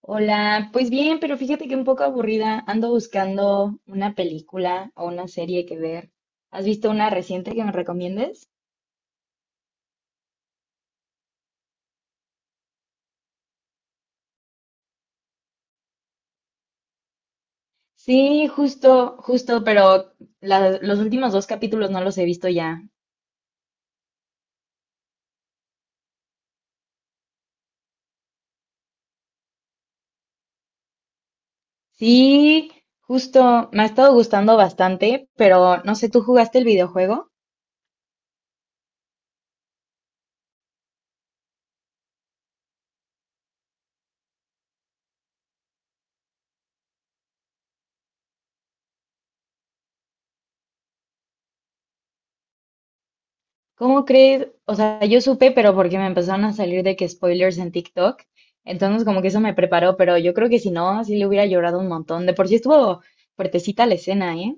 Hola, pues bien, pero fíjate que un poco aburrida. Ando buscando una película o una serie que ver. ¿Has visto una reciente que me recomiendes? Sí, justo, justo, pero los últimos dos capítulos no los he visto ya. Sí, justo, me ha estado gustando bastante, pero no sé, ¿tú jugaste el videojuego? ¿Cómo crees? O sea, yo supe, pero porque me empezaron a salir de que spoilers en TikTok. Entonces, como que eso me preparó, pero yo creo que si no, sí le hubiera llorado un montón. De por sí estuvo fuertecita la escena, ¿eh?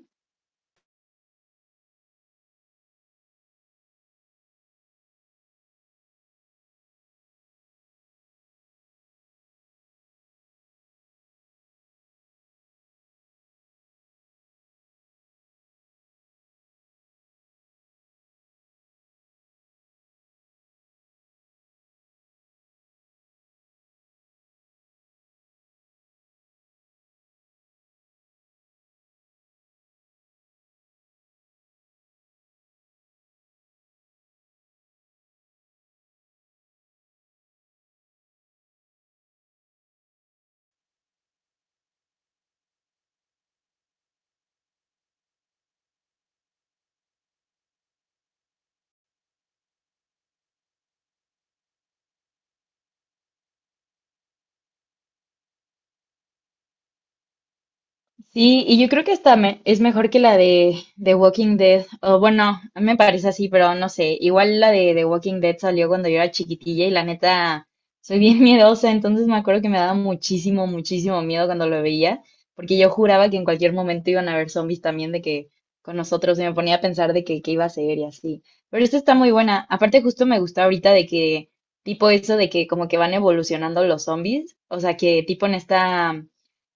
Sí, y yo creo que esta es mejor que la de The Walking Dead. O bueno, a mí me parece así, pero no sé. Igual la de The Walking Dead salió cuando yo era chiquitilla y la neta soy bien miedosa, entonces me acuerdo que me daba muchísimo, muchísimo miedo cuando lo veía, porque yo juraba que en cualquier momento iban a haber zombies también de que con nosotros y me ponía a pensar de que qué iba a ser y así. Pero esta está muy buena. Aparte justo me gusta ahorita de que tipo eso de que como que van evolucionando los zombies, o sea, que tipo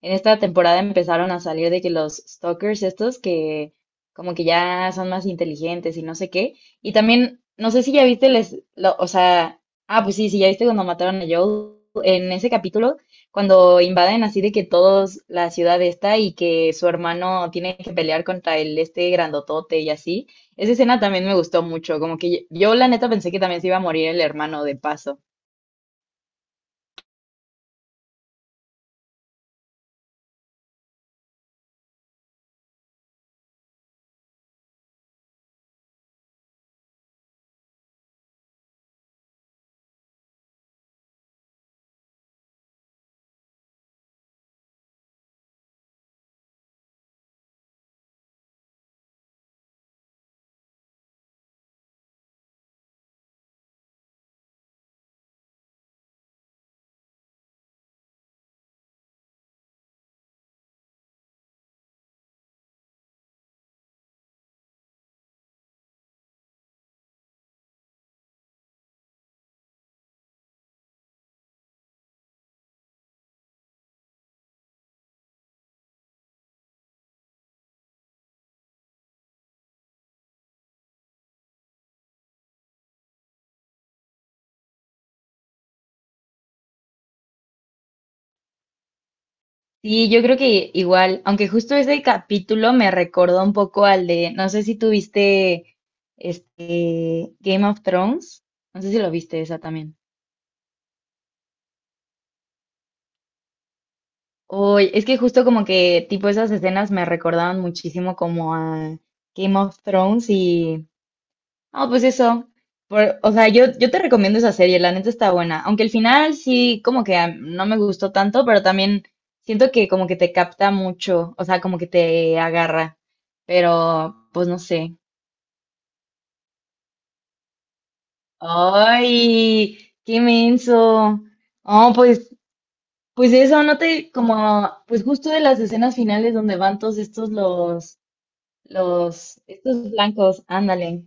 en esta temporada empezaron a salir de que los stalkers estos que como que ya son más inteligentes y no sé qué. Y también, no sé si ya viste les, o sea, ah, pues sí, sí, ya viste cuando mataron a Joel en ese capítulo, cuando invaden así de que todos la ciudad está y que su hermano tiene que pelear contra el este grandotote y así. Esa escena también me gustó mucho, como que yo, la neta pensé que también se iba a morir el hermano de paso. Sí, yo creo que igual, aunque justo ese capítulo me recordó un poco al de, no sé si tuviste este Game of Thrones, no sé si lo viste esa también. Oye, es que justo como que tipo esas escenas me recordaban muchísimo como a Game of Thrones y ah, pues eso. O sea, yo te recomiendo esa serie, la neta está buena. Aunque el final sí, como que ah, no me gustó tanto, pero también siento que como que te capta mucho, o sea, como que te agarra. Pero, pues no sé. ¡Ay! ¡Qué inmenso! Oh, pues, pues eso, no te, como, pues justo de las escenas finales donde van todos estos los, estos blancos, ándale.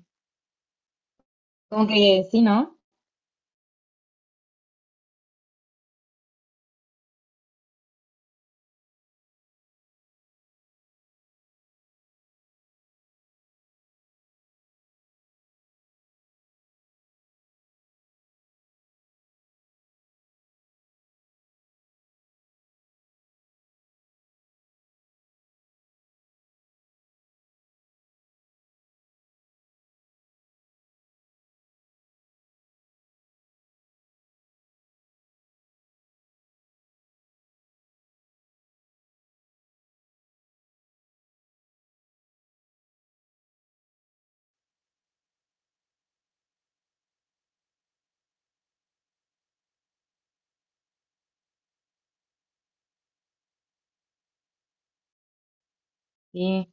Como que sí, ¿no? Sí.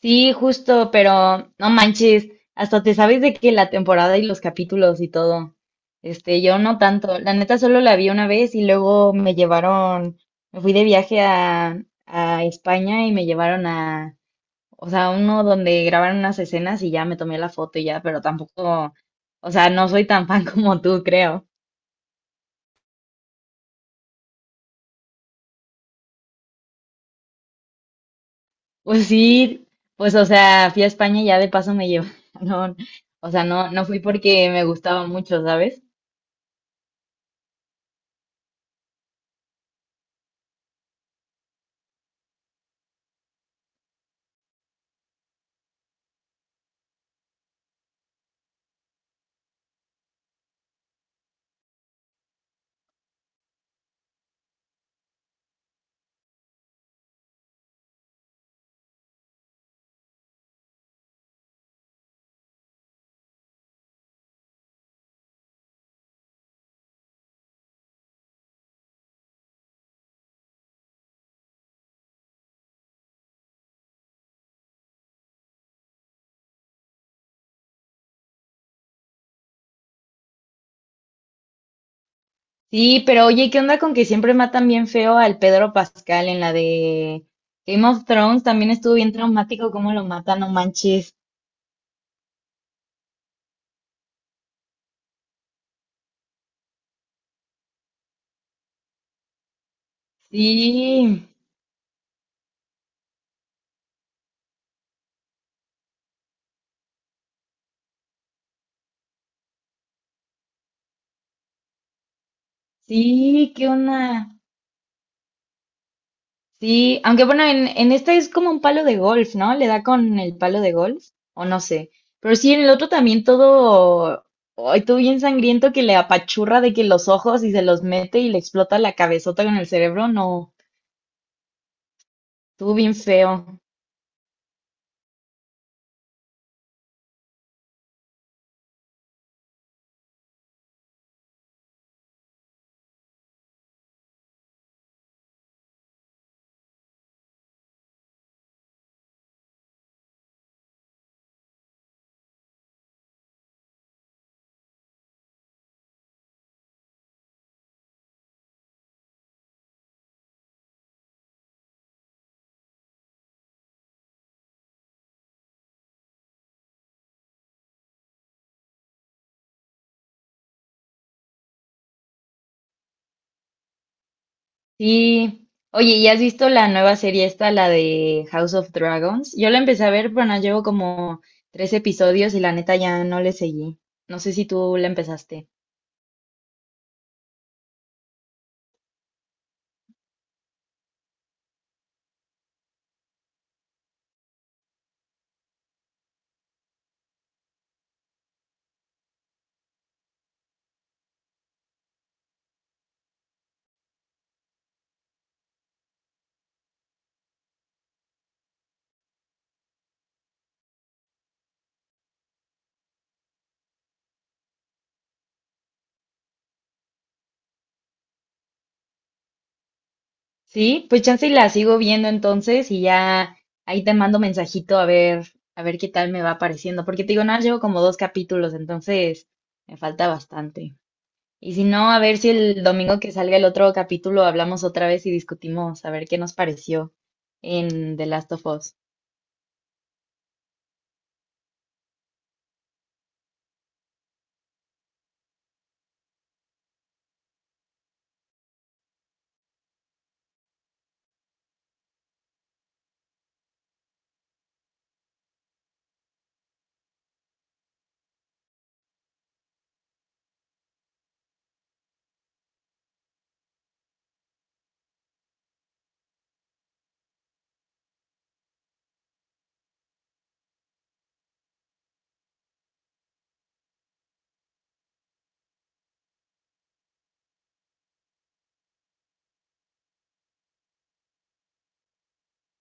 Sí, justo, pero no manches, hasta te sabes de que la temporada y los capítulos y todo. Este, yo no tanto. La neta solo la vi una vez y luego me llevaron, me fui de viaje a España y me llevaron a, o sea, uno donde grabaron unas escenas y ya me tomé la foto y ya, pero tampoco, o sea, no soy tan fan como tú, creo. Pues sí, pues o sea, fui a España y ya de paso me llevaron. O sea, no, no fui porque me gustaba mucho, ¿sabes? Sí, pero oye, ¿qué onda con que siempre matan bien feo al Pedro Pascal en la de Game of Thrones? También estuvo bien traumático cómo lo matan, no manches. Sí, sí, ¿qué onda? Sí, aunque bueno, en este es como un palo de golf, ¿no? Le da con el palo de golf, o no sé. Pero sí, en el otro también todo, ay, todo bien sangriento que le apachurra de que los ojos y se los mete y le explota la cabezota con el cerebro, no, estuvo bien feo. Sí. Oye, ¿y has visto la nueva serie esta, la de House of Dragons? Yo la empecé a ver, pero no llevo como tres episodios y la neta ya no le seguí. No sé si tú la empezaste. Sí, pues chance y la sigo viendo entonces y ya ahí te mando mensajito a ver qué tal me va pareciendo. Porque te digo, no, llevo como dos capítulos, entonces me falta bastante. Y si no, a ver si el domingo que salga el otro capítulo hablamos otra vez y discutimos a ver qué nos pareció en The Last of Us.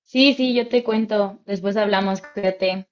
Sí, sí, yo te cuento. Después hablamos, cuídate.